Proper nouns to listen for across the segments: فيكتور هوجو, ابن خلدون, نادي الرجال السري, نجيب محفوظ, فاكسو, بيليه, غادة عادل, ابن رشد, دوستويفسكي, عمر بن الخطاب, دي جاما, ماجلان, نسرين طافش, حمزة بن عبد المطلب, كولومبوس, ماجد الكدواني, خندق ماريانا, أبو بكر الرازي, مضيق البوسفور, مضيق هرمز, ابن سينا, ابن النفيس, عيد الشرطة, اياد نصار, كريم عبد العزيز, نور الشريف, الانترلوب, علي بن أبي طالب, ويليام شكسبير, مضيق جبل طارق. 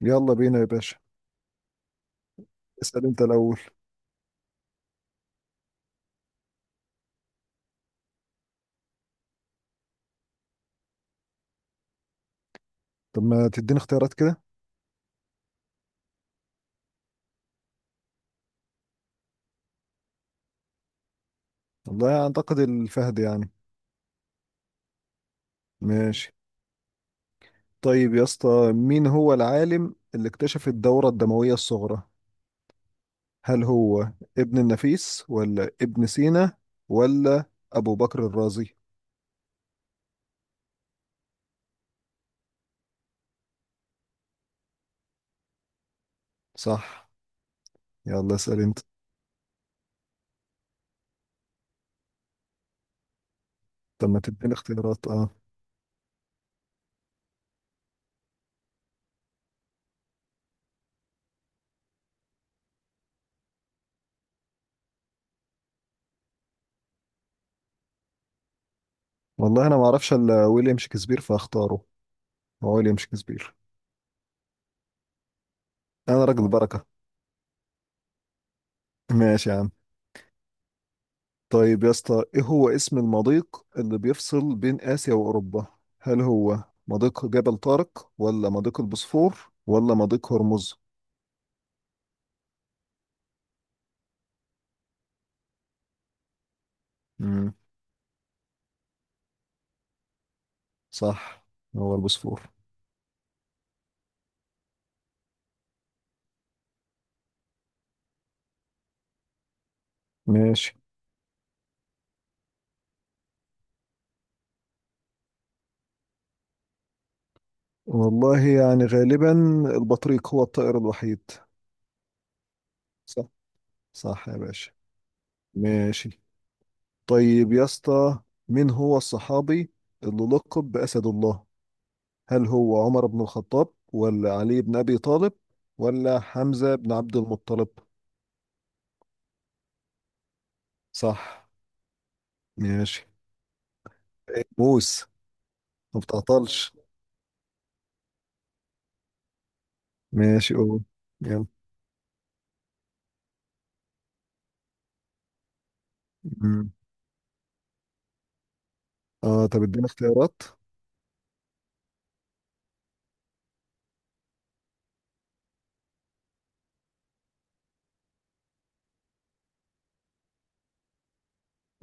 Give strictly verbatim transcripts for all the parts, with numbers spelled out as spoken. يلا بينا يا باشا. اسأل انت الأول. طب ما تديني اختيارات كده. والله أعتقد الفهد يعني. ماشي. طيب يا اسطى، مين هو العالم اللي اكتشف الدورة الدموية الصغرى؟ هل هو ابن النفيس ولا ابن سينا ولا أبو بكر الرازي؟ صح. يلا اسأل انت. طب ما تديني اختيارات اه والله أنا ما أعرفش إلا ويليام شكسبير فاختاره. هو ويليام شكسبير. أنا راجل بركة. ماشي يا عم. طيب يا اسطى، ايه هو اسم المضيق اللي بيفصل بين آسيا وأوروبا؟ هل هو مضيق جبل طارق ولا مضيق البوسفور ولا مضيق هرمز؟ امم صح، هو البوسفور. ماشي. والله يعني غالبا البطريق هو الطائر الوحيد. صح، صح يا باشا. ماشي. طيب يا اسطى، مين هو الصحابي اللي لقب بأسد الله؟ هل هو عمر بن الخطاب ولا علي بن أبي طالب ولا حمزة بن عبد المطلب؟ صح. ماشي. موس ما بتعطلش. ماشي، قول يلا. مم. اه طب ادينا اختيارات.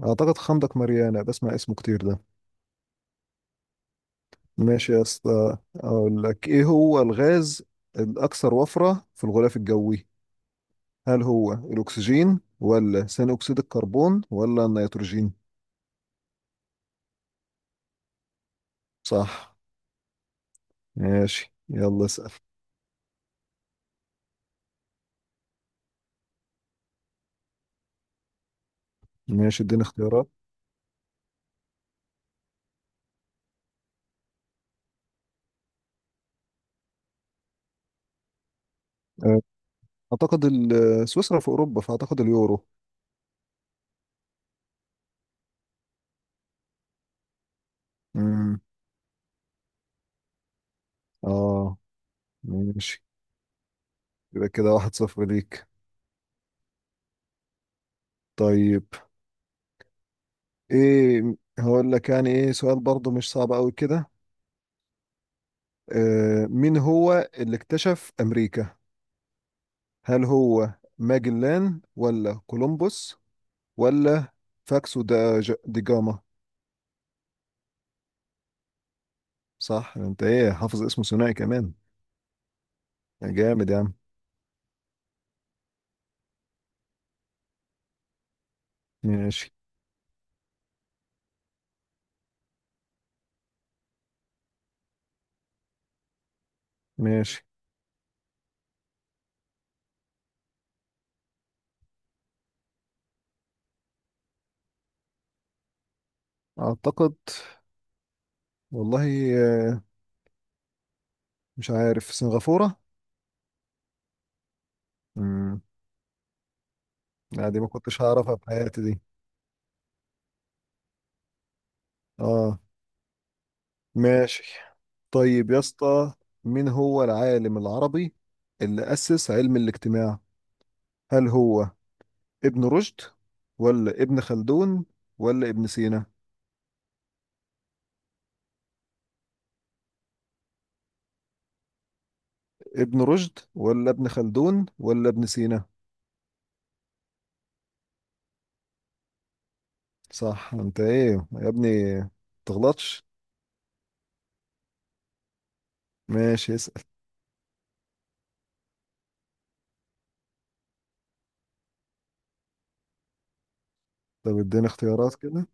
اعتقد خندق ماريانا بسمع اسمه كتير ده. ماشي يا اسطى، اقول لك ايه هو الغاز الاكثر وفرة في الغلاف الجوي؟ هل هو الاكسجين ولا ثاني اكسيد الكربون ولا النيتروجين؟ صح. ماشي، يلا اسال. ماشي، ادينا اختيارات. آه، اعتقد ال- سويسرا في اوروبا فاعتقد اليورو. امم اه. ماشي. يبقى كده واحد صفر ليك. طيب، ايه هقول لك يعني ايه سؤال برضو مش صعب قوي كده. آه مين هو اللي اكتشف امريكا؟ هل هو ماجلان ولا كولومبوس ولا فاكسو دا ج- دي جاما؟ صح، انت ايه حافظ اسمه ثنائي كمان. جامد يا عم. ماشي، ماشي. اعتقد والله آه مش عارف سنغافورة. امم لا، دي ما كنتش هعرفها في حياتي دي. اه. ماشي. طيب يا اسطى، مين هو العالم العربي اللي أسس علم الاجتماع؟ هل هو ابن رشد ولا ابن خلدون ولا ابن سينا؟ ابن رشد ولا ابن خلدون ولا ابن سينا؟ صح، انت ايه يا ابني تغلطش. ماشي، اسأل. طب اديني اختيارات كده.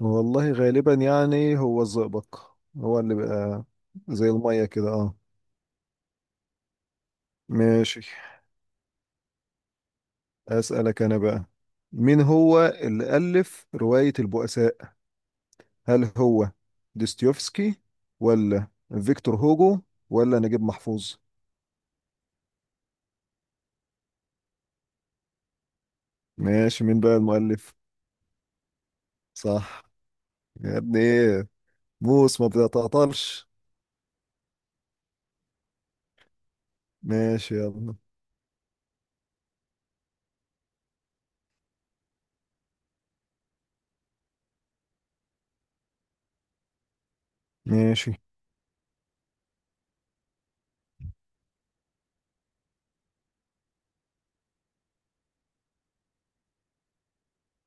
والله غالبا يعني هو الزئبق. هو اللي بقى زي المية كده اه. ماشي. أسألك أنا بقى. مين هو اللي ألف رواية البؤساء؟ هل هو دوستويفسكي ولا فيكتور هوجو ولا نجيب محفوظ؟ ماشي، مين بقى المؤلف؟ صح. يا ابني إيه، موس ما بتعطلش. ماشي، يلا، ماشي.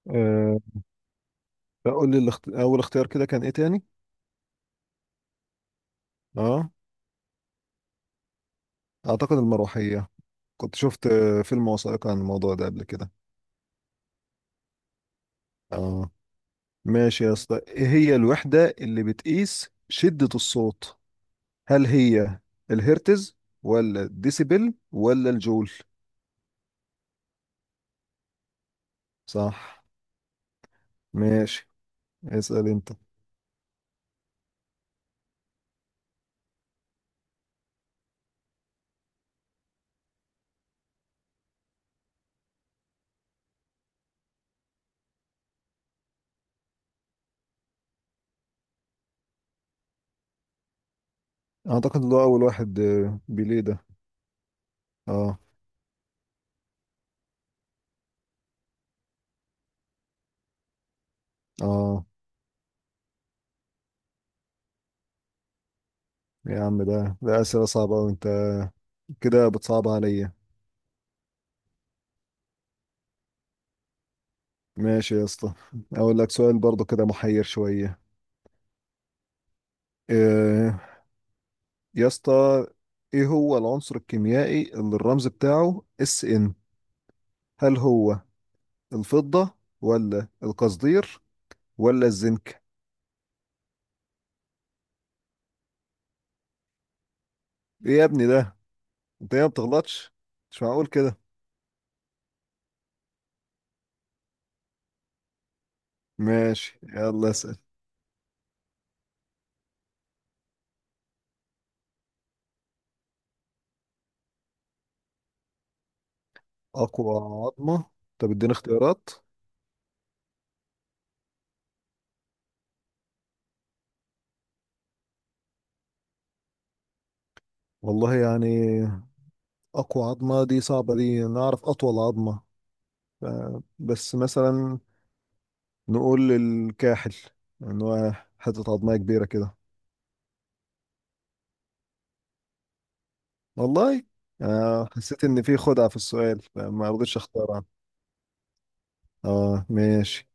أه قول لي الاخت... أول اختيار كده كان إيه تاني؟ أه أعتقد المروحية. كنت شفت آه، فيلم وثائقي عن الموضوع ده قبل كده. أه. ماشي يا اسطى، إيه هي الوحدة اللي بتقيس شدة الصوت؟ هل هي الهرتز ولا الديسيبل ولا الجول؟ صح. ماشي، اسأل انت. اعتقد إن ده اول واحد، آه، بيليه ده. اه، اه يا عم، ده ده اسئله صعبه أوي انت كده بتصعب عليا. ماشي يا اسطى، اقول لك سؤال برضو كده محير شويه. آه يا اسطى، ايه هو العنصر الكيميائي اللي الرمز بتاعه اس ان؟ هل هو الفضه ولا القصدير ولا الزنك؟ ايه يا ابني ده، انت ايه ما بتغلطش؟ مش معقول كده. ماشي، يلا اسأل. اقوى عظمة؟ طب اديني اختيارات. والله يعني اقوى عظمة دي صعبة. دي انا اعرف اطول عظمة. ف- بس مثلا نقول الكاحل، ان هو حتة عظمية كبيرة كده. والله، آه حسيت ان في خدعة في السؤال فما رضيتش اختارها. اه. ماشي،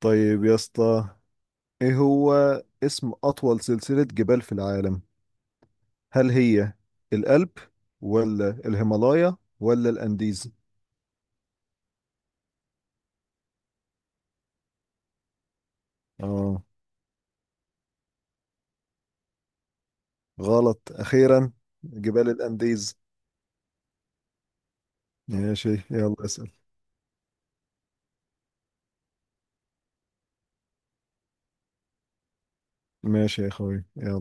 طيب يا اسطى، ايه هو اسم اطول سلسلة جبال في العالم؟ هل هي الألب ولا الهيمالايا ولا الأنديز؟ اه، غلط أخيرا، جبال الأنديز. ماشي، يلا اسأل. ماشي يا أخوي، يلا.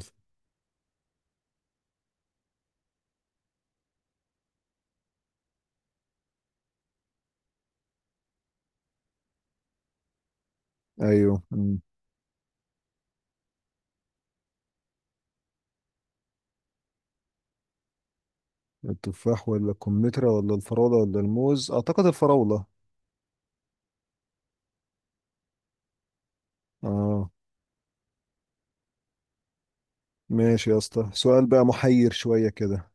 أيوه. أمم. التفاح ولا الكمثرى ولا الفراولة ولا الموز؟ أعتقد الفراولة. اه. ماشي يا اسطى، سؤال بقى محير شوية كده.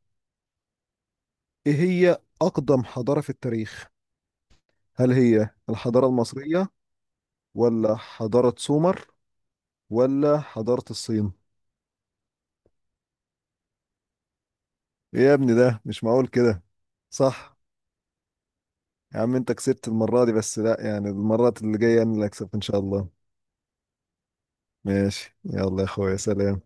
إيه هي أقدم حضارة في التاريخ؟ هل هي الحضارة المصرية ولا حضارة سومر ولا حضارة الصين؟ ايه يا ابني ده، مش معقول كده. صح. يا عم، انت كسبت المرة دي، بس لا يعني المرات اللي جاية انا اللي اكسب ان شاء الله. ماشي، يلا يا اخويا، سلام.